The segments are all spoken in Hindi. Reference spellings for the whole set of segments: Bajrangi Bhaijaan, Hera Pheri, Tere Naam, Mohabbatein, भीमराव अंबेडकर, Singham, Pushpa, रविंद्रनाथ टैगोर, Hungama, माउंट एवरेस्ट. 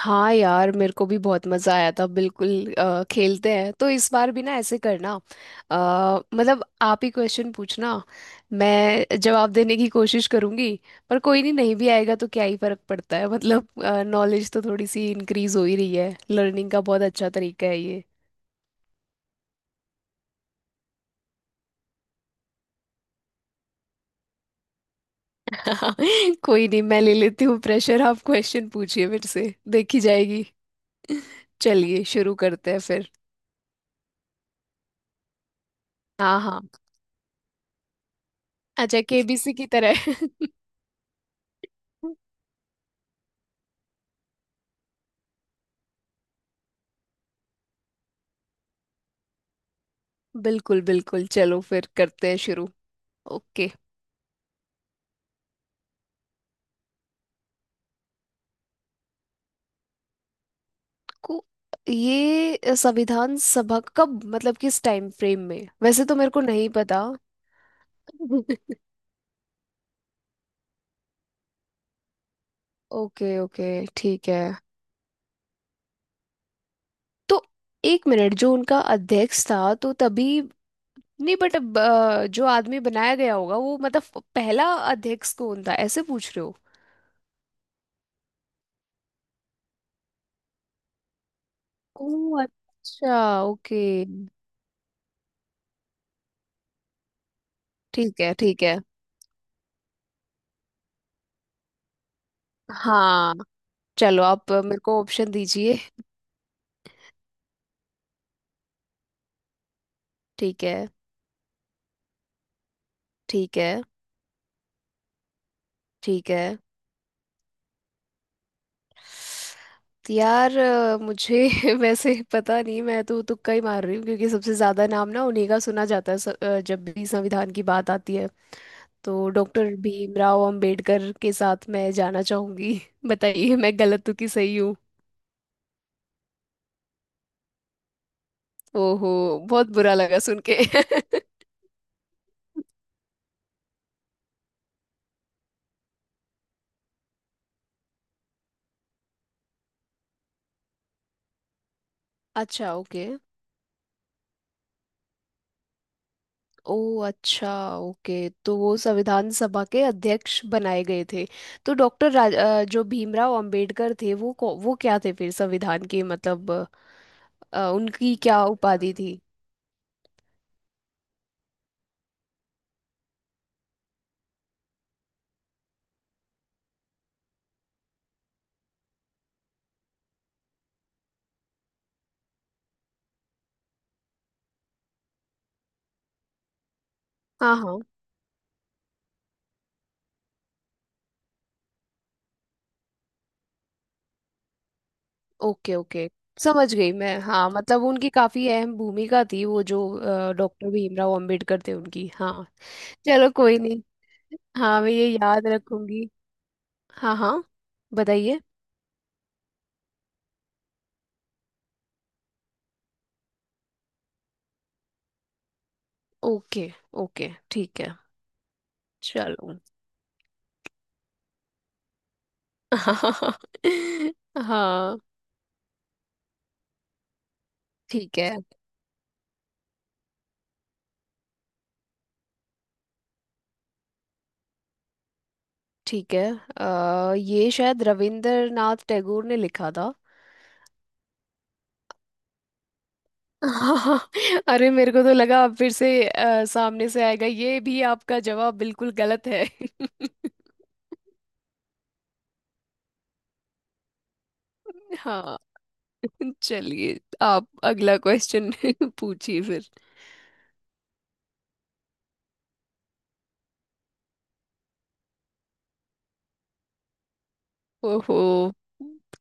हाँ यार, मेरे को भी बहुत मजा आया था। बिल्कुल, खेलते हैं। तो इस बार भी ना ऐसे करना। अ, मतलब आप ही क्वेश्चन पूछना, मैं जवाब देने की कोशिश करूंगी। पर कोई नहीं, नहीं भी आएगा तो क्या ही फर्क पड़ता है मतलब नॉलेज तो थोड़ी सी इंक्रीज हो ही रही है, लर्निंग का बहुत अच्छा तरीका है ये। कोई नहीं, मैं ले लेती हूँ प्रेशर। आप क्वेश्चन पूछिए मेरे से, देखी जाएगी। चलिए शुरू करते हैं फिर। हाँ हाँ। अच्छा, केबीसी की तरह। बिल्कुल बिल्कुल, चलो फिर करते हैं शुरू। ओके। को। ये संविधान सभा कब, मतलब किस टाइम फ्रेम में? वैसे तो मेरे को नहीं पता। ओके ओके, ठीक है। तो एक मिनट, जो उनका अध्यक्ष था तो तभी। नहीं, बट अब जो आदमी बनाया गया होगा वो, मतलब पहला अध्यक्ष कौन था, ऐसे पूछ रहे हो? ओ अच्छा, ओके। ठीक है, ठीक है। हाँ। चलो, आप मेरे को ऑप्शन दीजिए। ठीक है। ठीक है। ठीक है। तो यार, मुझे वैसे पता नहीं, मैं तो तुक्का ही मार रही हूँ क्योंकि सबसे ज्यादा नाम ना उन्हीं का सुना जाता है। जब भी संविधान की बात आती है तो डॉक्टर भीमराव अंबेडकर के साथ मैं जाना चाहूंगी। बताइए मैं गलत हूँ कि सही हूँ। ओहो, बहुत बुरा लगा सुन के। अच्छा, ओके। ओ अच्छा, ओके। तो वो संविधान सभा के अध्यक्ष बनाए गए थे। तो डॉक्टर जो भीमराव अंबेडकर थे, वो वो क्या थे फिर संविधान के, मतलब उनकी क्या उपाधि थी? हाँ हाँ। ओके ओके, समझ गई मैं। हाँ, मतलब उनकी काफी अहम भूमिका थी, वो जो डॉक्टर भीमराव अंबेडकर थे उनकी, हाँ। चलो कोई नहीं। हाँ, मैं ये याद रखूंगी। हाँ हाँ। बताइए। ओके ओके, ठीक है। चलो। हाँ, ठीक है। ठीक है, ये शायद रविंद्रनाथ टैगोर ने लिखा था। हाँ, अरे मेरे को तो लगा आप फिर से सामने से आएगा, ये भी आपका जवाब बिल्कुल गलत है। हाँ। चलिए आप अगला क्वेश्चन पूछिए फिर। ओहो,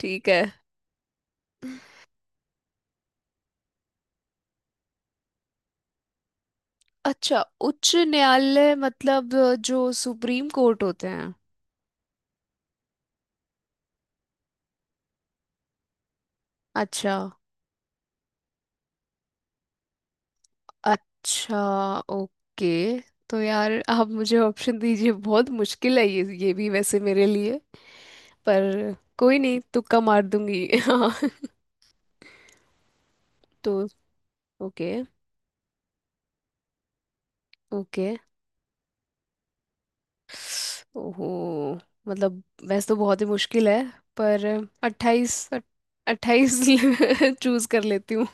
ठीक है। अच्छा, उच्च न्यायालय मतलब जो सुप्रीम कोर्ट होते हैं? अच्छा। अच्छा, ओके। तो यार, आप मुझे ऑप्शन दीजिए, बहुत मुश्किल है ये भी वैसे मेरे लिए। पर कोई नहीं, तुक्का मार दूंगी। हाँ। तो ओके। ओके। ओहो, मतलब वैसे तो बहुत ही मुश्किल है। पर 28। 28 चूज कर लेती हूँ।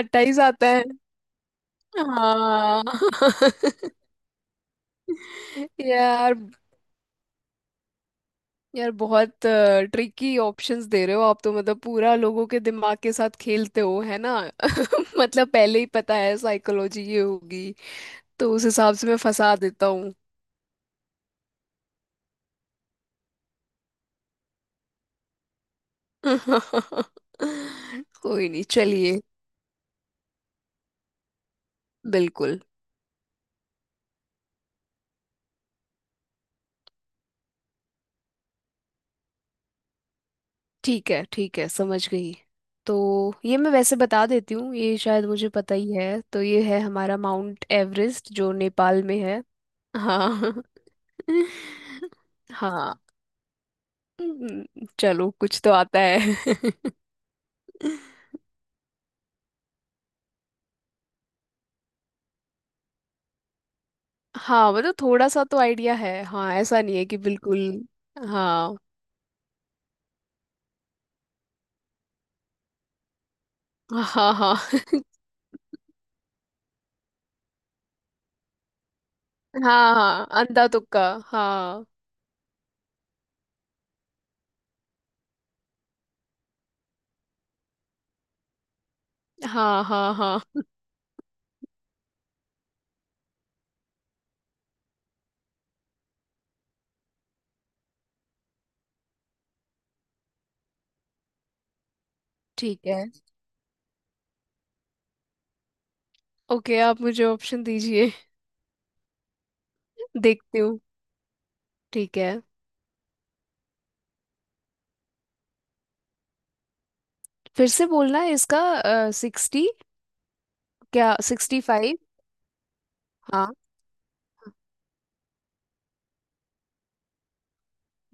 28 आता है, हाँ। यार, यार बहुत ट्रिकी ऑप्शंस दे रहे हो आप तो, मतलब पूरा लोगों के दिमाग के साथ खेलते हो है ना। मतलब पहले ही पता है साइकोलॉजी ये होगी, तो उस हिसाब से मैं फंसा देता हूँ। कोई नहीं, चलिए। बिल्कुल। ठीक है, ठीक है, समझ गई। तो ये मैं वैसे बता देती हूँ, ये शायद मुझे पता ही है। तो ये है हमारा माउंट एवरेस्ट जो नेपाल में है। हाँ। हाँ। चलो कुछ तो आता है। हाँ, मतलब थोड़ा सा तो आइडिया है, हाँ। ऐसा नहीं है कि बिल्कुल। हाँ हाँ हाँ। हाँ हाँ, अंधा तुक्का, हाँ। हाँ हाँ हाँ। ठीक है। ओके, आप मुझे ऑप्शन दीजिए। देखती हूँ। ठीक है। फिर से बोलना है इसका? 60? क्या 65? हाँ।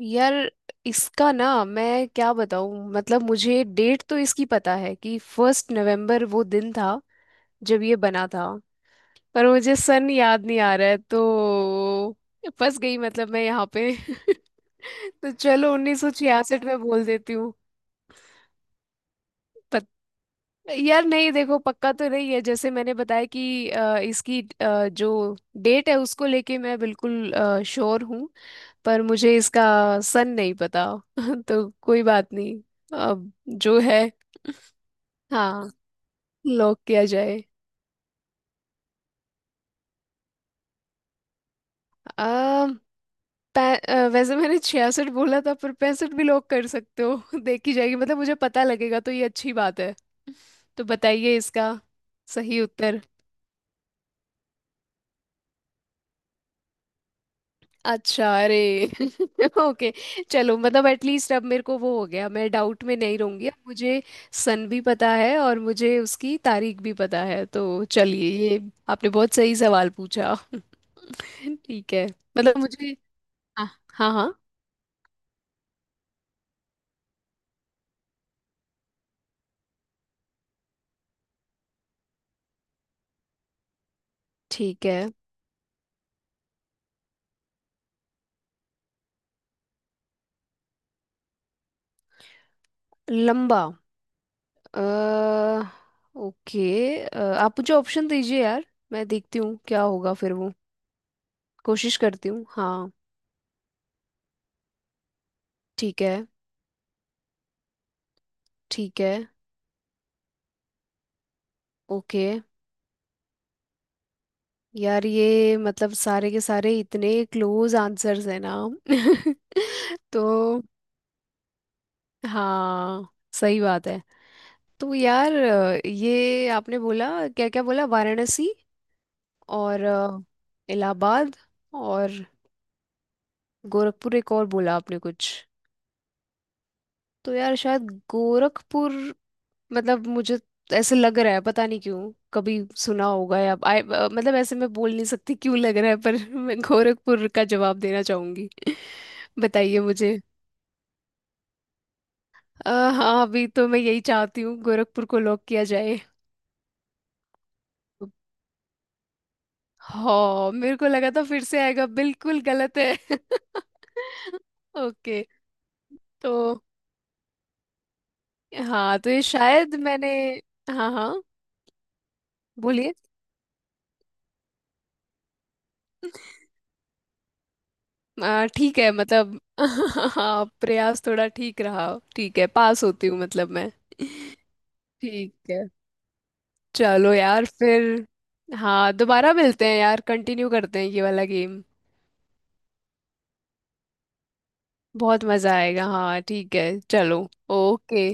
यार इसका ना मैं क्या बताऊँ, मतलब मुझे डेट तो इसकी पता है कि 1 नवंबर वो दिन था जब ये बना था। पर मुझे सन याद नहीं आ रहा है, तो फंस गई मतलब मैं यहाँ पे। तो चलो, 1966 में बोल देती हूँ। यार नहीं, देखो पक्का तो नहीं है। जैसे मैंने बताया कि इसकी, जो डेट है उसको लेके मैं बिल्कुल श्योर हूँ। पर मुझे इसका सन नहीं पता। तो कोई बात नहीं। अब जो है, हाँ, लॉक किया जाए। आ, वैसे मैंने छियासठ बोला था पर पैंसठ भी लॉक कर सकते हो। देखी जाएगी, मतलब मुझे पता लगेगा तो ये अच्छी बात है। तो बताइए इसका सही उत्तर। अच्छा, अरे। ओके, चलो। मतलब एटलीस्ट अब मेरे को वो हो गया, मैं डाउट में नहीं रहूंगी। अब मुझे सन भी पता है और मुझे उसकी तारीख भी पता है। तो चलिए, ये आपने बहुत सही सवाल पूछा। ठीक है। मतलब मुझे, हाँ। हाँ हाँ, ठीक है। लंबा। अ, ओके, आप मुझे ऑप्शन दीजिए यार, मैं देखती हूँ क्या होगा फिर वो। कोशिश करती हूँ, हाँ। ठीक है। ठीक है। ओके। यार ये मतलब सारे के सारे इतने क्लोज आंसर्स है ना। तो हाँ, सही बात है। तो यार, ये आपने बोला क्या? क्या बोला, वाराणसी? और इलाहाबाद? और गोरखपुर? एक और बोला आपने कुछ? तो यार शायद गोरखपुर, मतलब मुझे ऐसे लग रहा है, पता नहीं क्यों, कभी सुना होगा या मतलब ऐसे मैं बोल नहीं सकती क्यों लग रहा है। पर मैं गोरखपुर का जवाब देना चाहूंगी। बताइए मुझे। हाँ, अभी तो मैं यही चाहती हूँ, गोरखपुर को लॉक किया जाए। हाँ, मेरे को लगा था फिर से आएगा बिल्कुल गलत है। ओके। तो हाँ, तो ये शायद मैंने। हाँ हाँ। बोलिए। ठीक है, मतलब हाँ, प्रयास थोड़ा ठीक रहा। ठीक है, पास होती हूँ मतलब मैं। ठीक है। चलो यार फिर। हाँ, दोबारा मिलते हैं यार, कंटिन्यू करते हैं ये वाला गेम। बहुत मजा आएगा, हाँ, ठीक है, चलो। ओके।